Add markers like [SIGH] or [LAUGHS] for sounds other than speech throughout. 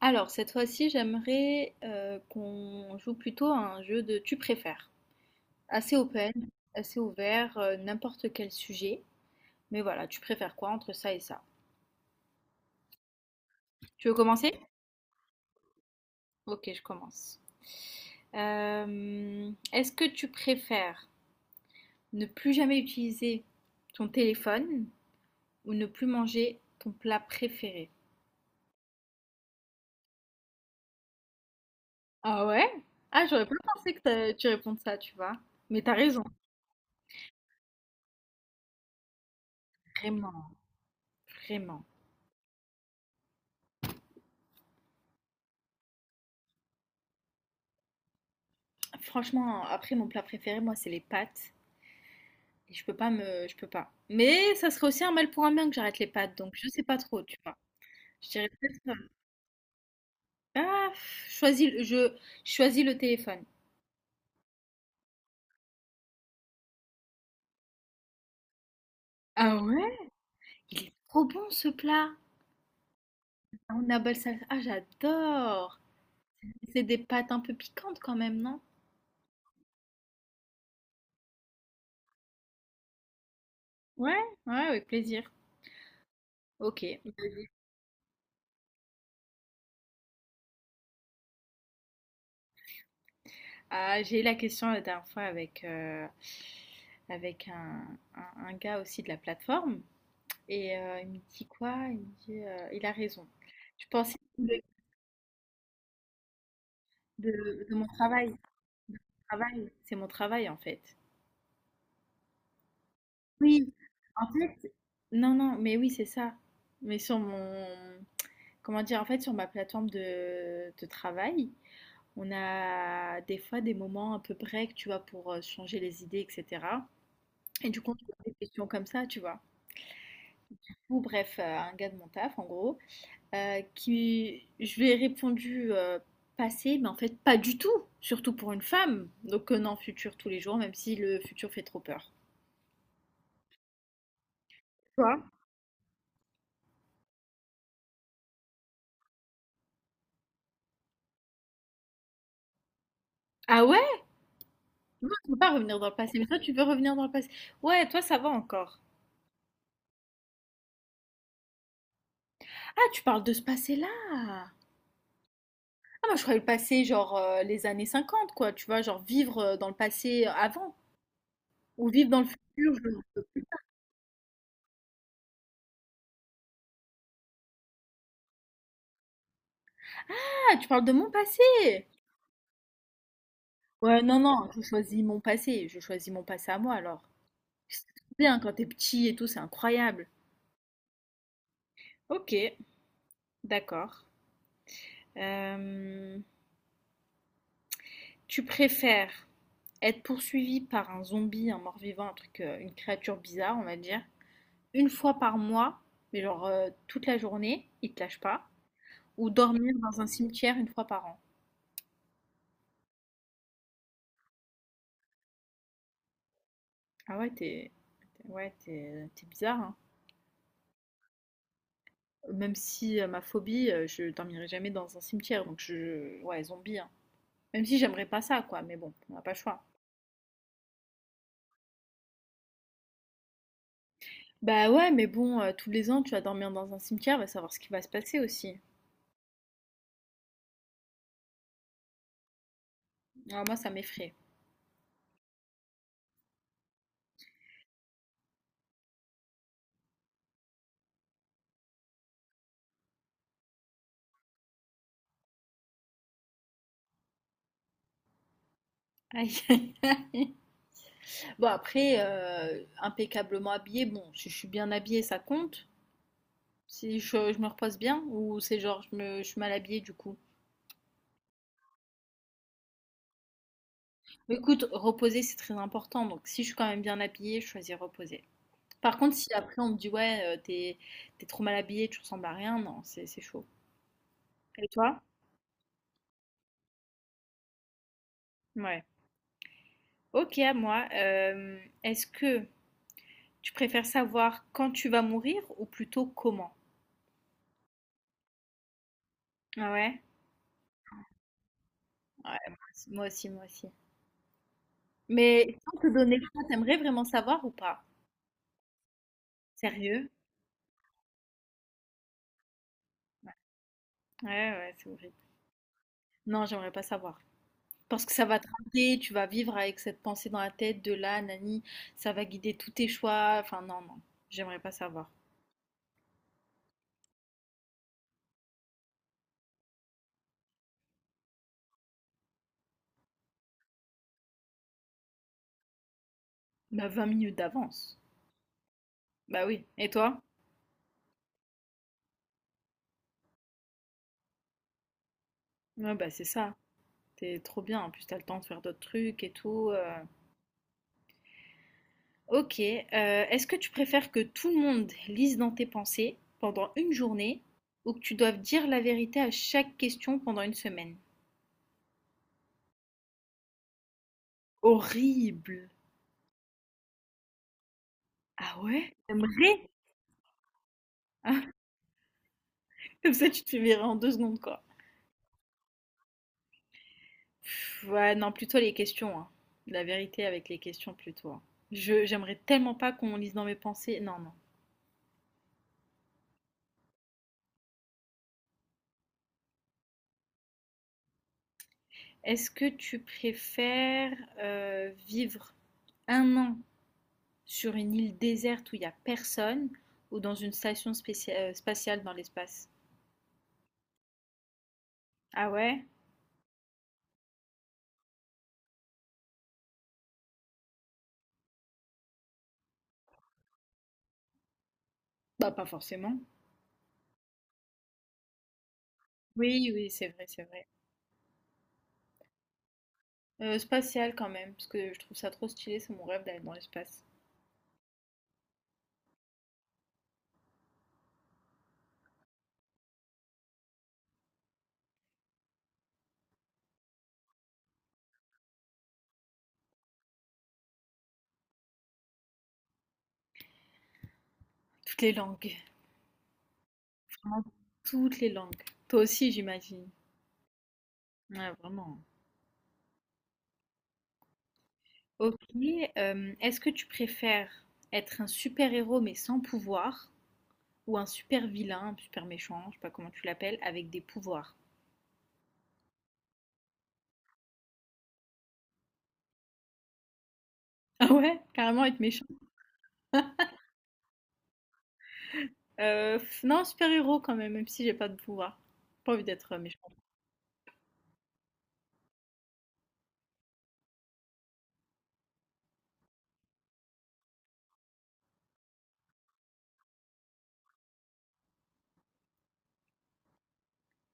Alors, cette fois-ci, j'aimerais qu'on joue plutôt à un jeu de tu préfères. Assez open, assez ouvert, n'importe quel sujet. Mais voilà, tu préfères quoi entre ça et ça? Tu veux commencer? Ok, je commence. Est-ce que tu préfères ne plus jamais utiliser ton téléphone ou ne plus manger ton plat préféré? Ah ouais? Ah, j'aurais pas pensé que tu répondes ça, tu vois. Mais t'as raison, vraiment, vraiment. Franchement, après, mon plat préféré, moi, c'est les pâtes. Et je peux pas me... Je peux pas. Mais ça serait aussi un mal pour un bien que j'arrête les pâtes. Donc, je sais pas trop, tu vois. Je dirais peut-être. Ah, pff, choisis, je choisis le téléphone. Ah ouais? Il est trop bon, ce plat. Ah, on appelle ça... Ah, j'adore. C'est des pâtes un peu piquantes quand même, non? Ouais, ouais, avec plaisir. Ok. Ah, j'ai eu la question la dernière fois avec, avec un gars aussi de la plateforme. Et il me dit quoi? Il me dit, il a raison. Tu pensais de mon travail. De mon travail. C'est mon travail en fait. Oui, en fait, non, non, mais oui, c'est ça. Mais sur mon, comment dire, en fait, sur ma plateforme de travail, on a des fois des moments un peu break, tu vois, pour changer les idées, etc. Et du coup, on trouve des questions comme ça, tu vois. Ou bref, un gars de mon taf, en gros, qui je lui ai répondu passé, mais en fait pas du tout, surtout pour une femme. Donc non, futur tous les jours, même si le futur fait trop peur. Toi? Ah ouais? Non, tu veux pas revenir dans le passé, mais toi tu veux revenir dans le passé. Ouais, toi ça va encore. Ah, tu parles de ce passé-là. Ah, moi je croyais le passé genre les années 50, quoi, tu vois, genre vivre dans le passé avant, ou vivre dans le futur. Ah, tu parles de mon passé. Ouais, non, non, je choisis mon passé, je choisis mon passé à moi alors. C'est trop bien quand t'es petit et tout, c'est incroyable. Ok, d'accord. Euh, tu préfères être poursuivi par un zombie, un mort-vivant, un truc, une créature bizarre, on va dire, une fois par mois, mais genre toute la journée, il te lâche pas, ou dormir dans un cimetière une fois par an. Ah ouais, t'es, ouais, t'es bizarre, hein. Même si ma phobie, je dormirai jamais dans un cimetière, donc je, ouais, zombie, hein. Même si j'aimerais pas ça, quoi, mais bon, on n'a pas le choix. Bah ouais, mais bon, tous les ans, tu vas dormir dans un cimetière, va savoir ce qui va se passer aussi. Alors moi, ça m'effraie. Aïe, [LAUGHS] aïe. Bon, après, impeccablement habillée, bon, si je suis bien habillée, ça compte. Si je me repose bien, ou c'est genre, je suis mal habillée du coup. Mais écoute, reposer, c'est très important. Donc, si je suis quand même bien habillée, je choisis reposer. Par contre, si après on me dit, ouais, t'es trop mal habillée, tu ressembles à rien, non, c'est chaud. Et toi? Ouais. Ok, à moi. Est-ce que tu préfères savoir quand tu vas mourir ou plutôt comment? Ah ouais? Ouais, moi aussi, moi aussi. Moi aussi. Mais sans te donner le choix, t'aimerais vraiment savoir ou pas? Sérieux? Ouais, ouais, ouais, c'est horrible. Non, j'aimerais pas savoir. Parce que ça va te hanter, tu vas vivre avec cette pensée dans la tête de là, nani, ça va guider tous tes choix. Enfin, non, non, j'aimerais pas savoir. Bah, 20 minutes d'avance. Bah oui. Et toi? Ouais, bah c'est ça. T'es trop bien. En plus, t'as le temps de faire d'autres trucs et tout. Ok, est-ce que tu préfères que tout le monde lise dans tes pensées pendant une journée ou que tu doives dire la vérité à chaque question pendant une semaine? Horrible! Ah ouais? T'aimerais? Hein. [LAUGHS] Comme ça, tu te fais virer en 2 secondes, quoi. Ouais, non, plutôt les questions, hein. La vérité avec les questions, plutôt, hein. Je, j'aimerais tellement pas qu'on lise dans mes pensées. Non, non. Est-ce que tu préfères vivre 1 an sur une île déserte où il n'y a personne ou dans une station spatiale dans l'espace? Ah ouais? Bah pas forcément. Oui, oui, c'est vrai, c'est vrai. Spatial quand même, parce que je trouve ça trop stylé, c'est mon rêve d'aller dans l'espace. Toutes les langues, vraiment toutes les langues. Toi aussi, j'imagine. Ouais, vraiment. Ok, est-ce que tu préfères être un super-héros mais sans pouvoir ou un super-vilain, super méchant, je sais pas comment tu l'appelles, avec des pouvoirs? Ah ouais, carrément être méchant. Euh, non, super-héros quand même, même si j'ai pas de pouvoir. Pas envie d'être méchant.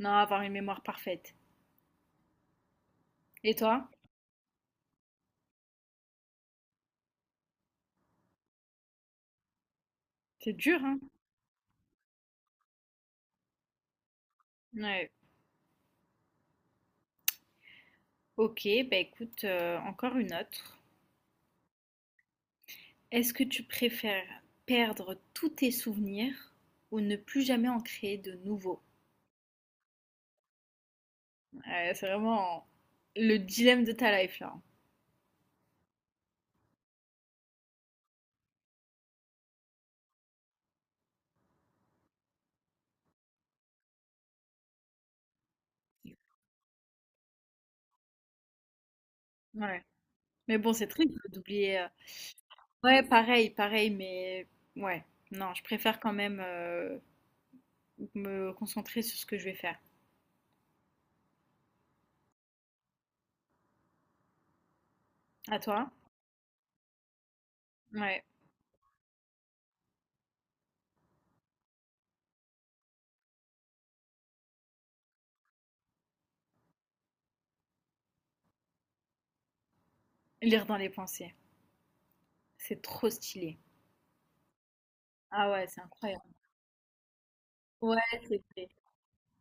Non, avoir une mémoire parfaite. Et toi? C'est dur, hein? Ouais. Ok, bah écoute, encore une autre. Est-ce que tu préfères perdre tous tes souvenirs ou ne plus jamais en créer de nouveaux? Ouais, c'est vraiment le dilemme de ta life là. Ouais. Mais bon, c'est triste d'oublier. Ouais, pareil, pareil, mais ouais. Non, je préfère quand même me concentrer sur ce que je vais faire. À toi? Ouais, lire dans les pensées, c'est trop stylé. Ah ouais, c'est incroyable. Ouais, c'est vrai.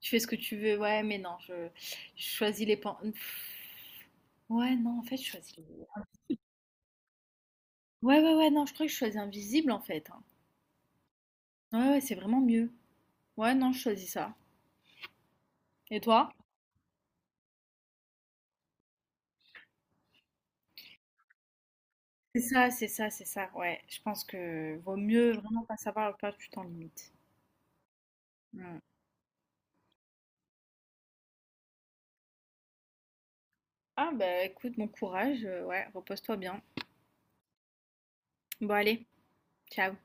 Tu fais ce que tu veux, ouais, mais non, je choisis les pensées. Ouais, non, en fait, je choisis les... Ouais, ouais, ouais, non, je crois que je choisis invisible, en fait, hein. Ouais, ouais, c'est vraiment mieux. Ouais, non, je choisis ça. Et toi? C'est ça, c'est ça, c'est ça, ouais. Je pense que vaut mieux vraiment pas savoir à quoi tu t'en limites. Mm. Ah bah écoute, bon courage, ouais, repose-toi bien. Bon allez, ciao.